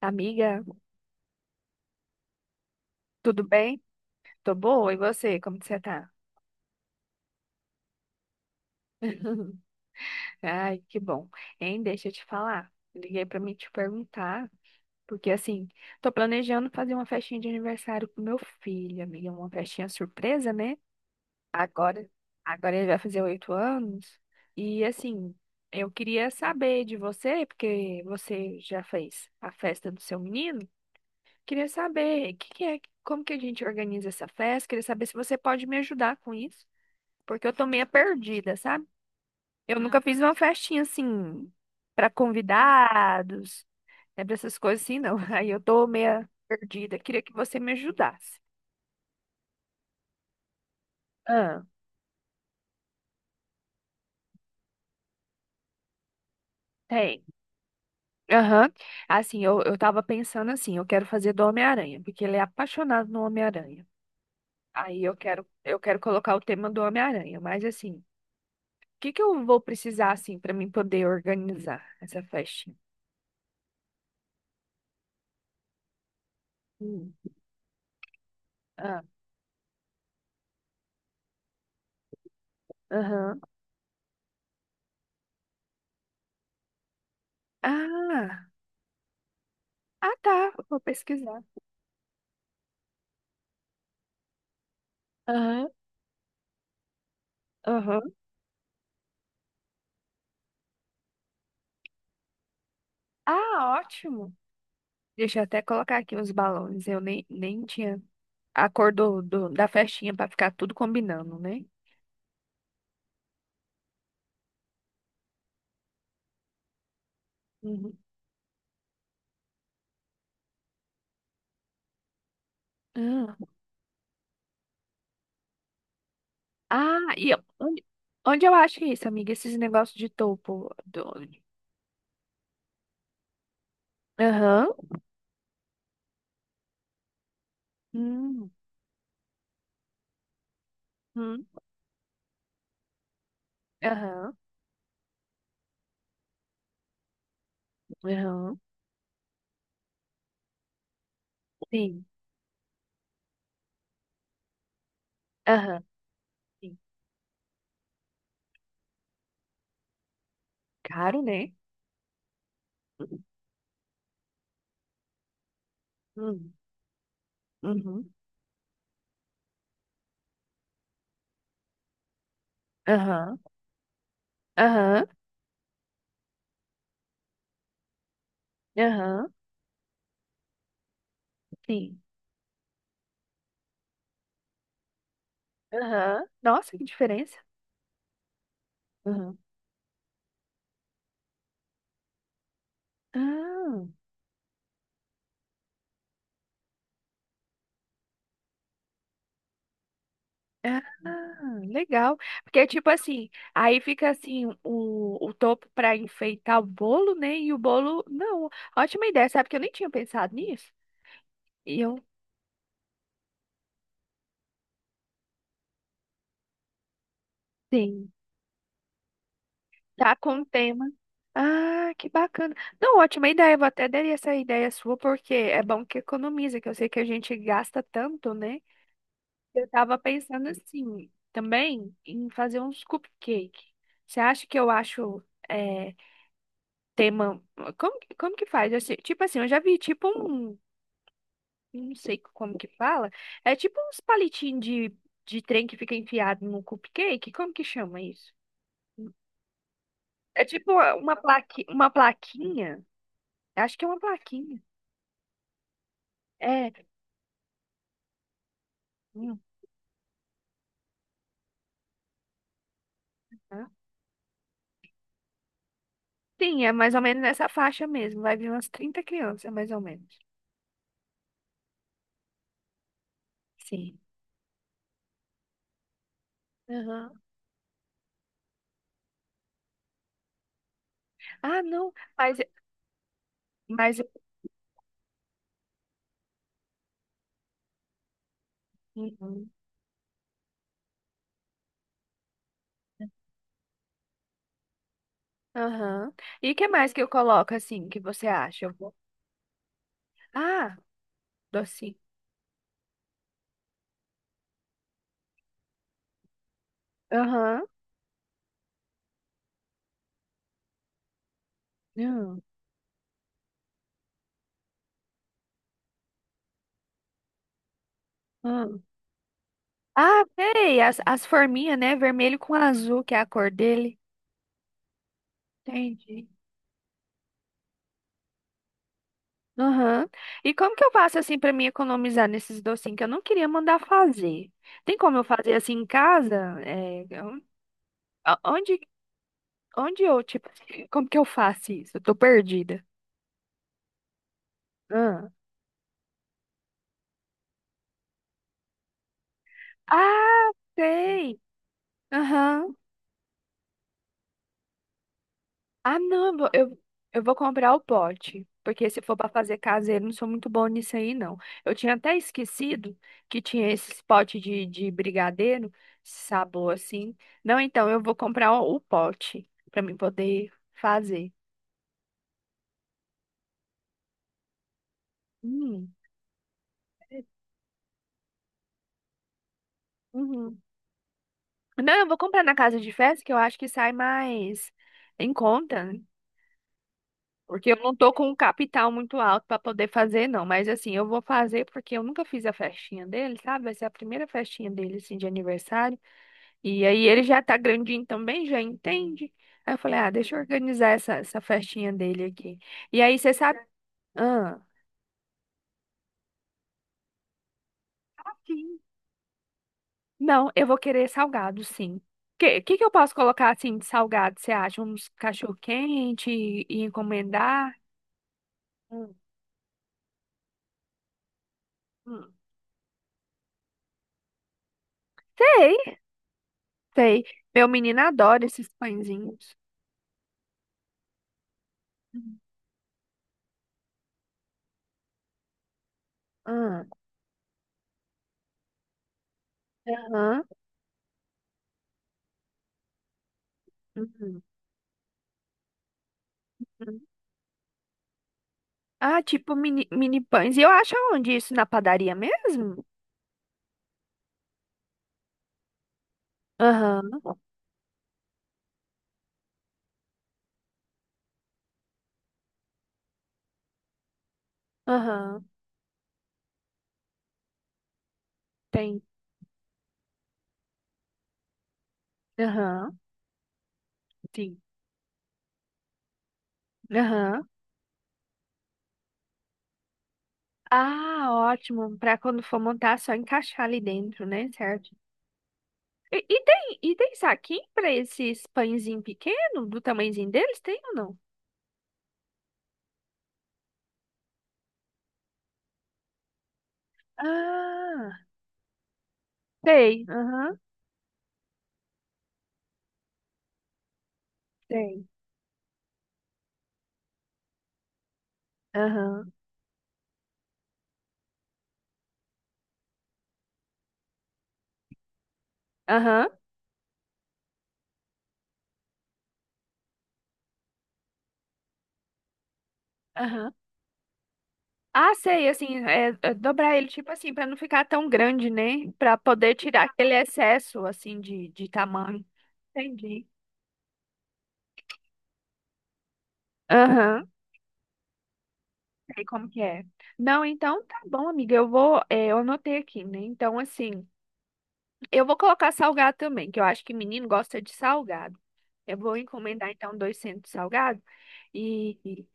Amiga, tudo bem? Tô boa, e você? Como que você tá? Ai, que bom. Hein, deixa eu te falar. Liguei pra me te perguntar, porque assim, tô planejando fazer uma festinha de aniversário pro meu filho, amiga, uma festinha surpresa, né? Agora, agora ele vai fazer 8 anos, e assim, eu queria saber de você, porque você já fez a festa do seu menino, queria saber o que que é, como que a gente organiza essa festa, queria saber se você pode me ajudar com isso. Porque eu tô meio perdida, sabe? Nunca fiz uma festinha assim pra convidados, né, para essas coisas assim, não. Aí eu tô meio perdida. Queria que você me ajudasse. ah, Tem. Aham. Assim, eu tava pensando assim, eu quero fazer do Homem-Aranha, porque ele é apaixonado no Homem-Aranha. Aí eu quero colocar o tema do Homem-Aranha, mas assim, o que que eu vou precisar assim pra mim poder organizar essa festinha? Hum, ah, Aham. Ah, ah tá, vou pesquisar. Aham. Aham. Ah, ótimo. Deixa eu até colocar aqui os balões. Eu nem tinha a cor da festinha para ficar tudo combinando, né? Uhum. Ah, e onde eu acho isso, amiga? Esses negócios de topo. Aham. Hum, hum, Aham. Aham. Sim. Aham. Sim. Caro, né? Hum, uhum. Aham. Aham. Aham. Sim. Aham. Nossa, que diferença. Aham. Ah. Ah, legal. Porque, é tipo assim, aí fica assim o topo para enfeitar o bolo, né? E o bolo, não. Ótima ideia, sabe? Que eu nem tinha pensado nisso. E eu sim, tá com o tema. Ah, que bacana. Não, ótima ideia. Eu vou até dar essa ideia sua, porque é bom que economiza, que eu sei que a gente gasta tanto, né? Eu tava pensando assim, também, em fazer uns cupcake. Você acha que eu acho. eh, Tema. Como que faz? Tipo assim, eu já vi tipo um. Não sei como que fala. É tipo uns palitinhos de trem que fica enfiado no cupcake. Como que chama isso? É tipo uma plaquinha. Acho que é uma plaquinha. É. Hum, tá. Sim, é mais ou menos nessa faixa mesmo. Vai vir umas 30 crianças, mais ou menos. Sim. Aham. Ah, não. Mas, mas. Uhum. Aham. E o que mais que eu coloco assim, que você acha? Ah, docinho. Aham. Hum, hum. Ah, sei, as forminhas, né? Vermelho com azul, que é a cor dele. Entendi. Aham. E como que eu faço assim pra me economizar nesses docinhos que eu não queria mandar fazer? Tem como eu fazer assim em casa? É, a- onde, onde eu, tipo, como que eu faço isso? Eu tô perdida. Ah, Ah, sei. Aham. Ah, não, eu vou comprar o pote. Porque se for para fazer caseiro, não sou muito bom nisso aí, não. Eu tinha até esquecido que tinha esses potes de brigadeiro, sabor assim. Não, então eu vou comprar o pote para mim poder fazer. Hum, uhum. Não, eu vou comprar na casa de festa, que eu acho que sai mais em conta. Porque eu não tô com um capital muito alto para poder fazer, não. Mas assim, eu vou fazer porque eu nunca fiz a festinha dele, sabe? Vai ser a primeira festinha dele, assim, de aniversário. E aí ele já tá grandinho também, já entende. Aí eu falei, ah, deixa eu organizar essa festinha dele aqui. E aí você sabe. Ah, sim. Não, eu vou querer salgado, sim. Que que eu posso colocar assim de salgado? Você acha? Uns cachorro-quente e encomendar? Hum, hum. Sei, sei. Meu menino adora esses pãezinhos. Ah, aham, uhum, uhum. Ah, tipo mini pães. E eu acho onde isso? Na padaria mesmo? Aham, aham, tem. Aham, sim. Aham. Ah, ótimo. Pra quando for montar, só encaixar ali dentro, né? Certo. E tem saquinho pra esses pãezinhos pequenos, do tamanhozinho deles? Tem ou não? Ah, tem. Aham, tem. Aham, aham, aham. Ah, sei, assim, é dobrar ele, tipo assim, pra não ficar tão grande, né? Pra poder tirar aquele excesso, assim, de tamanho. Entendi. Aham, sei como que é. Não, então tá bom, amiga, eu anotei aqui, né? Então, assim, eu vou colocar salgado também, que eu acho que menino gosta de salgado. Eu vou encomendar, então, 200 salgado e, e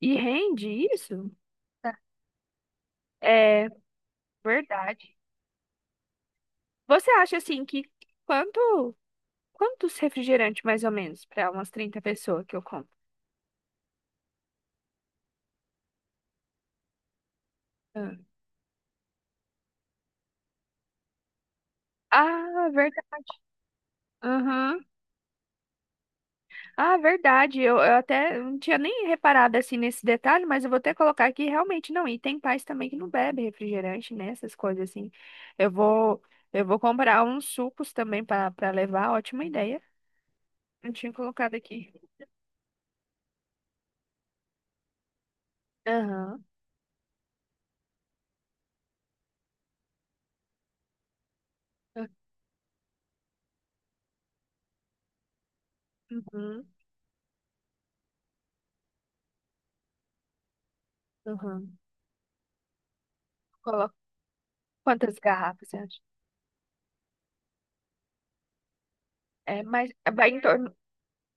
e rende isso? Tá. É verdade. Você acha, assim, que quanto. Quantos refrigerantes, mais ou menos, para umas 30 pessoas que eu compro? Ah, Ah, verdade. Aham. Ah, verdade. Eu até não tinha nem reparado assim nesse detalhe, mas eu vou até colocar aqui realmente não. E tem pais também que não bebe refrigerante, né? Essas coisas assim. Eu vou, eu vou comprar uns sucos também para levar. Ótima ideia. Não tinha colocado aqui. Aham. Uhum. Uhum. Coloca. Quantas garrafas você acha? É, vai em torno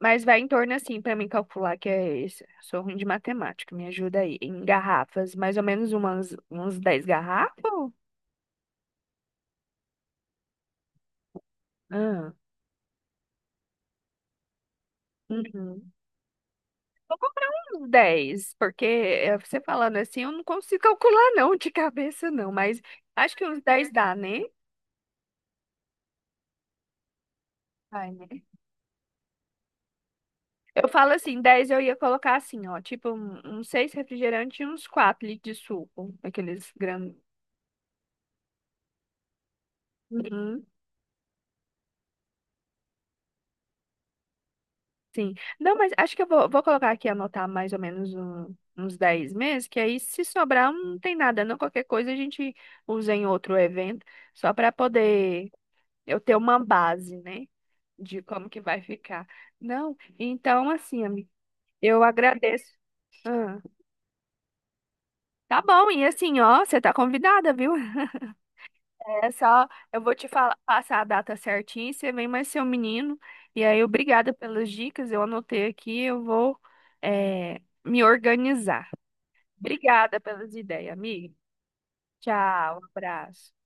Mas vai em torno assim pra mim calcular que é esse. Sou ruim de matemática, me ajuda aí. Em garrafas, mais ou menos uns 10 garrafas? Ah, uhum. Vou comprar uns 10, porque é, você falando assim eu não consigo calcular não de cabeça não, mas acho que uns 10 dá, né? Vai, né? Eu falo assim, 10 eu ia colocar assim, ó, tipo uns 6 refrigerantes e uns 4 litros de suco, aqueles grandes. Sim. Não, mas acho que eu vou colocar aqui, anotar mais ou menos uns 10 meses, que aí se sobrar não tem nada, não. Qualquer coisa a gente usa em outro evento, só para poder eu ter uma base, né, de como que vai ficar. Não, então assim, amiga, eu agradeço. Ah, tá bom, e assim, ó, você tá convidada, viu? É só, eu vou te falar, passar a data certinha, você vem mais seu menino. E aí, obrigada pelas dicas, eu anotei aqui, eu vou me organizar. Obrigada pelas ideias, amiga. Tchau, abraço.